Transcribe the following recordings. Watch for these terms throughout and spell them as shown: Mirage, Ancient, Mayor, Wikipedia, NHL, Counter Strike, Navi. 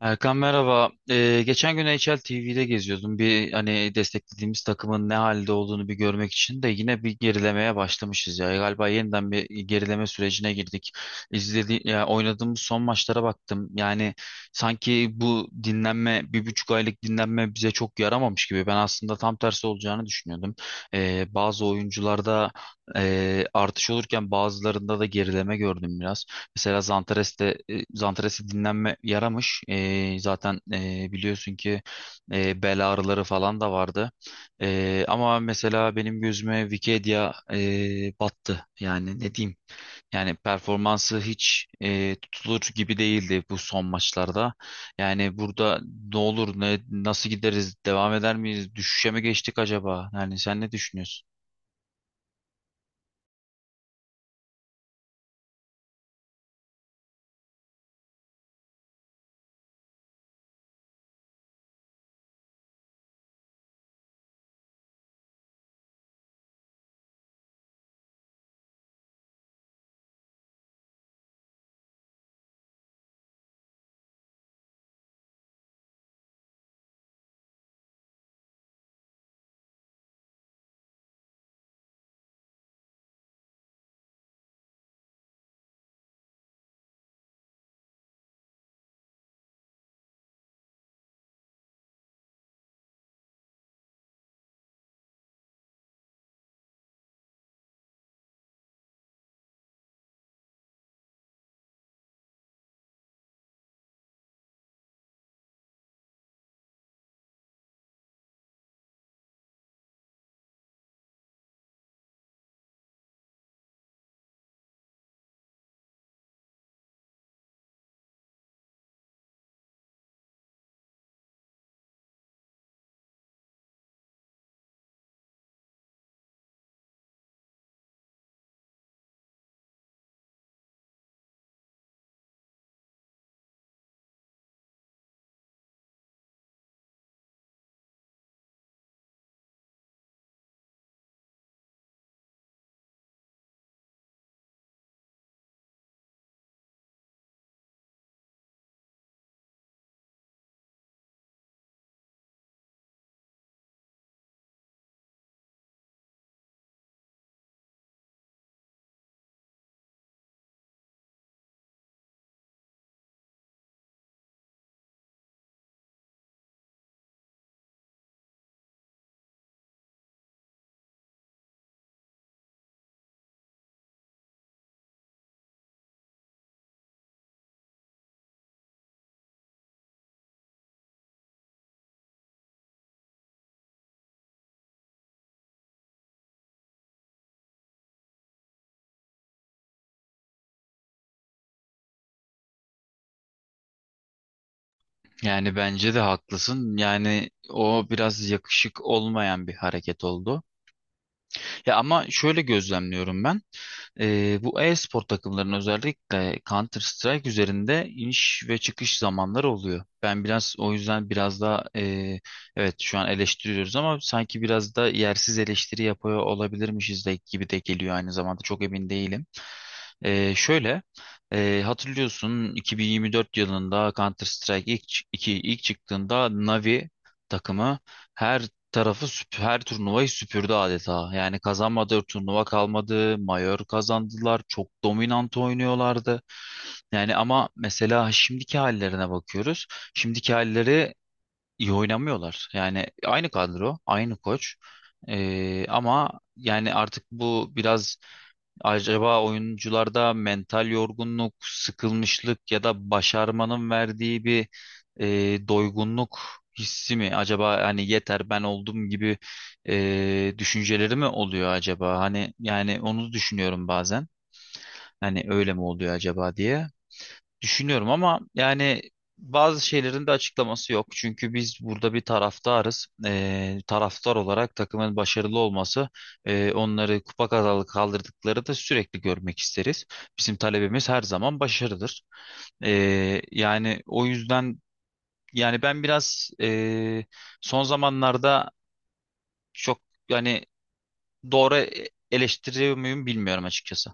Erkan merhaba. Geçen gün N H L. NHL TV'de geziyordum. Bir hani desteklediğimiz takımın ne halde olduğunu bir görmek için de yine bir gerilemeye başlamışız ya. Galiba yeniden bir gerileme sürecine girdik. İzledi, ya oynadığımız son maçlara baktım. Yani sanki bu dinlenme, 1,5 aylık dinlenme bize çok yaramamış gibi. Ben aslında tam tersi olacağını düşünüyordum. Bazı oyuncularda artış olurken bazılarında da gerileme gördüm biraz. Mesela Zantares'te dinlenme yaramış. Zaten biliyorsun ki bel ağrıları falan da vardı. Ama mesela benim gözüme Wikipedia battı. Yani ne diyeyim? Yani performansı hiç tutulur gibi değildi bu son maçlarda. Yani burada ne olur, ne nasıl gideriz, devam eder miyiz, düşüşe mi geçtik acaba? Yani sen ne düşünüyorsun? Yani bence de haklısın. Yani o biraz yakışık olmayan bir hareket oldu. Ya ama şöyle gözlemliyorum ben. Bu e-spor takımlarının özellikle Counter Strike üzerinde iniş ve çıkış zamanları oluyor. Ben biraz o yüzden biraz daha evet şu an eleştiriyoruz ama sanki biraz da yersiz eleştiri yapıyor olabilirmişiz de gibi de geliyor aynı zamanda çok emin değilim. Şöyle hatırlıyorsun 2024 yılında Counter Strike ilk çıktığında Navi takımı her her turnuvayı süpürdü adeta. Yani kazanmadığı turnuva kalmadı. Mayor kazandılar. Çok dominant oynuyorlardı. Yani ama mesela şimdiki hallerine bakıyoruz. Şimdiki halleri iyi oynamıyorlar. Yani aynı kadro, aynı koç. Ama yani artık bu biraz. Acaba oyuncularda mental yorgunluk, sıkılmışlık ya da başarmanın verdiği bir doygunluk hissi mi? Acaba hani yeter ben oldum gibi düşünceleri mi oluyor acaba? Hani yani onu düşünüyorum bazen. Hani öyle mi oluyor acaba diye. Düşünüyorum ama yani bazı şeylerin de açıklaması yok. Çünkü biz burada bir taraftarız. Taraftar olarak takımın başarılı olması, onları kupa kazalı kaldırdıkları da sürekli görmek isteriz. Bizim talebimiz her zaman başarıdır. Yani o yüzden yani ben biraz son zamanlarda çok yani doğru eleştiriyor muyum bilmiyorum açıkçası.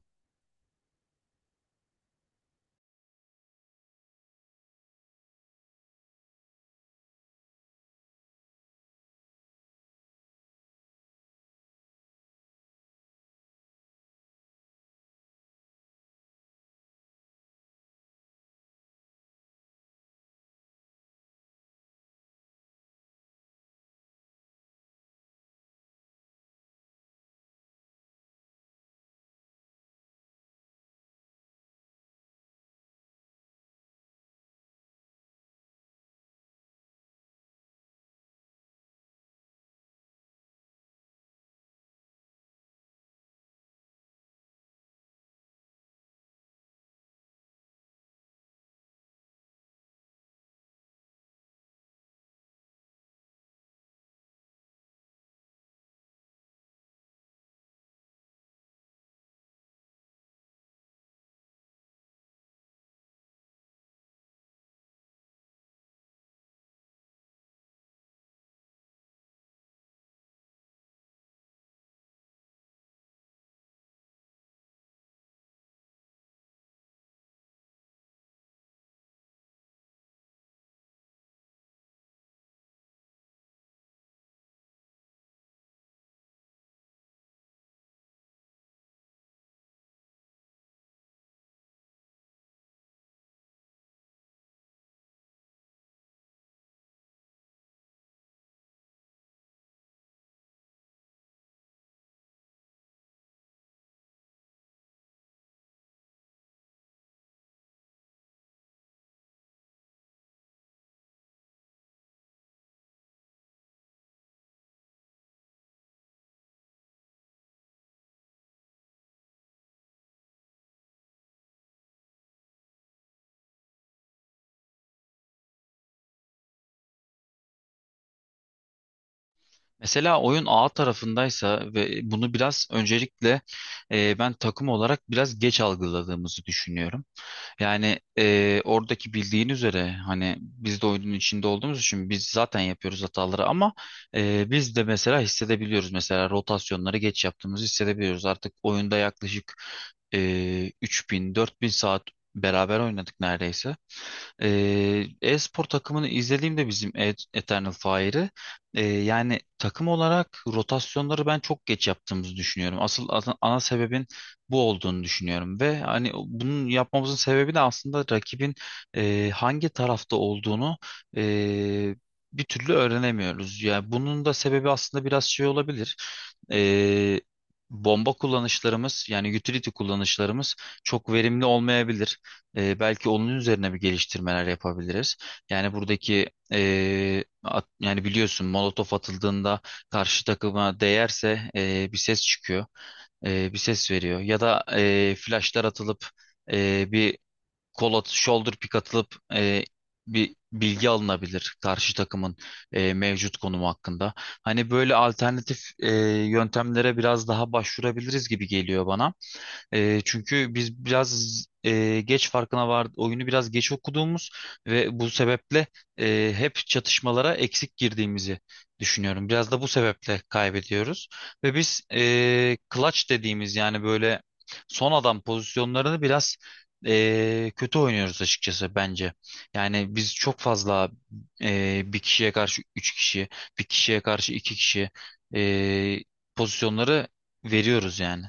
Mesela oyun A tarafındaysa ve bunu biraz öncelikle ben takım olarak biraz geç algıladığımızı düşünüyorum. Yani oradaki bildiğin üzere hani biz de oyunun içinde olduğumuz için biz zaten yapıyoruz hataları ama biz de mesela hissedebiliyoruz. Mesela rotasyonları geç yaptığımızı hissedebiliyoruz. Artık oyunda yaklaşık e, 3000-4000 saat beraber oynadık neredeyse. E-spor takımını izlediğimde bizim Eternal Fire'ı yani takım olarak rotasyonları ben çok geç yaptığımızı düşünüyorum. Asıl ana sebebin bu olduğunu düşünüyorum ve hani bunun yapmamızın sebebi de aslında rakibin hangi tarafta olduğunu e, bir türlü öğrenemiyoruz. Yani bunun da sebebi aslında biraz şey olabilir. Ee, bomba kullanışlarımız yani utility kullanışlarımız çok verimli olmayabilir. Belki onun üzerine bir geliştirmeler yapabiliriz. Yani buradaki yani biliyorsun molotof atıldığında karşı takıma değerse bir ses çıkıyor. Bir ses veriyor. Ya da flashlar atılıp bir kol at, shoulder pick atılıp bir bilgi alınabilir karşı takımın mevcut konumu hakkında. Hani böyle alternatif yöntemlere biraz daha başvurabiliriz gibi geliyor bana. Çünkü biz biraz geç farkına vardı oyunu biraz geç okuduğumuz ve bu sebeple hep çatışmalara eksik girdiğimizi düşünüyorum. Biraz da bu sebeple kaybediyoruz ve biz clutch dediğimiz yani böyle son adam pozisyonlarını biraz kötü oynuyoruz açıkçası bence. Yani biz çok fazla bir kişiye karşı üç kişi, bir kişiye karşı iki kişi e, pozisyonları veriyoruz yani.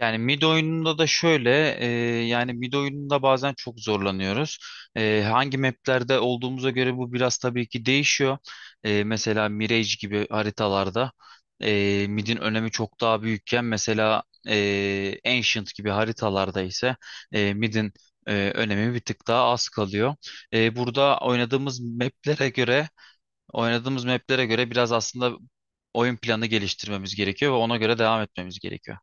Yani mid oyununda da şöyle yani mid oyununda bazen çok zorlanıyoruz. Hangi maplerde olduğumuza göre bu biraz tabii ki değişiyor. Mesela Mirage gibi haritalarda midin önemi çok daha büyükken mesela Ancient gibi haritalarda ise midin önemi bir tık daha az kalıyor. Burada oynadığımız maplere göre biraz aslında oyun planı geliştirmemiz gerekiyor ve ona göre devam etmemiz gerekiyor.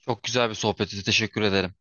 Çok güzel bir sohbeti. Teşekkür ederim.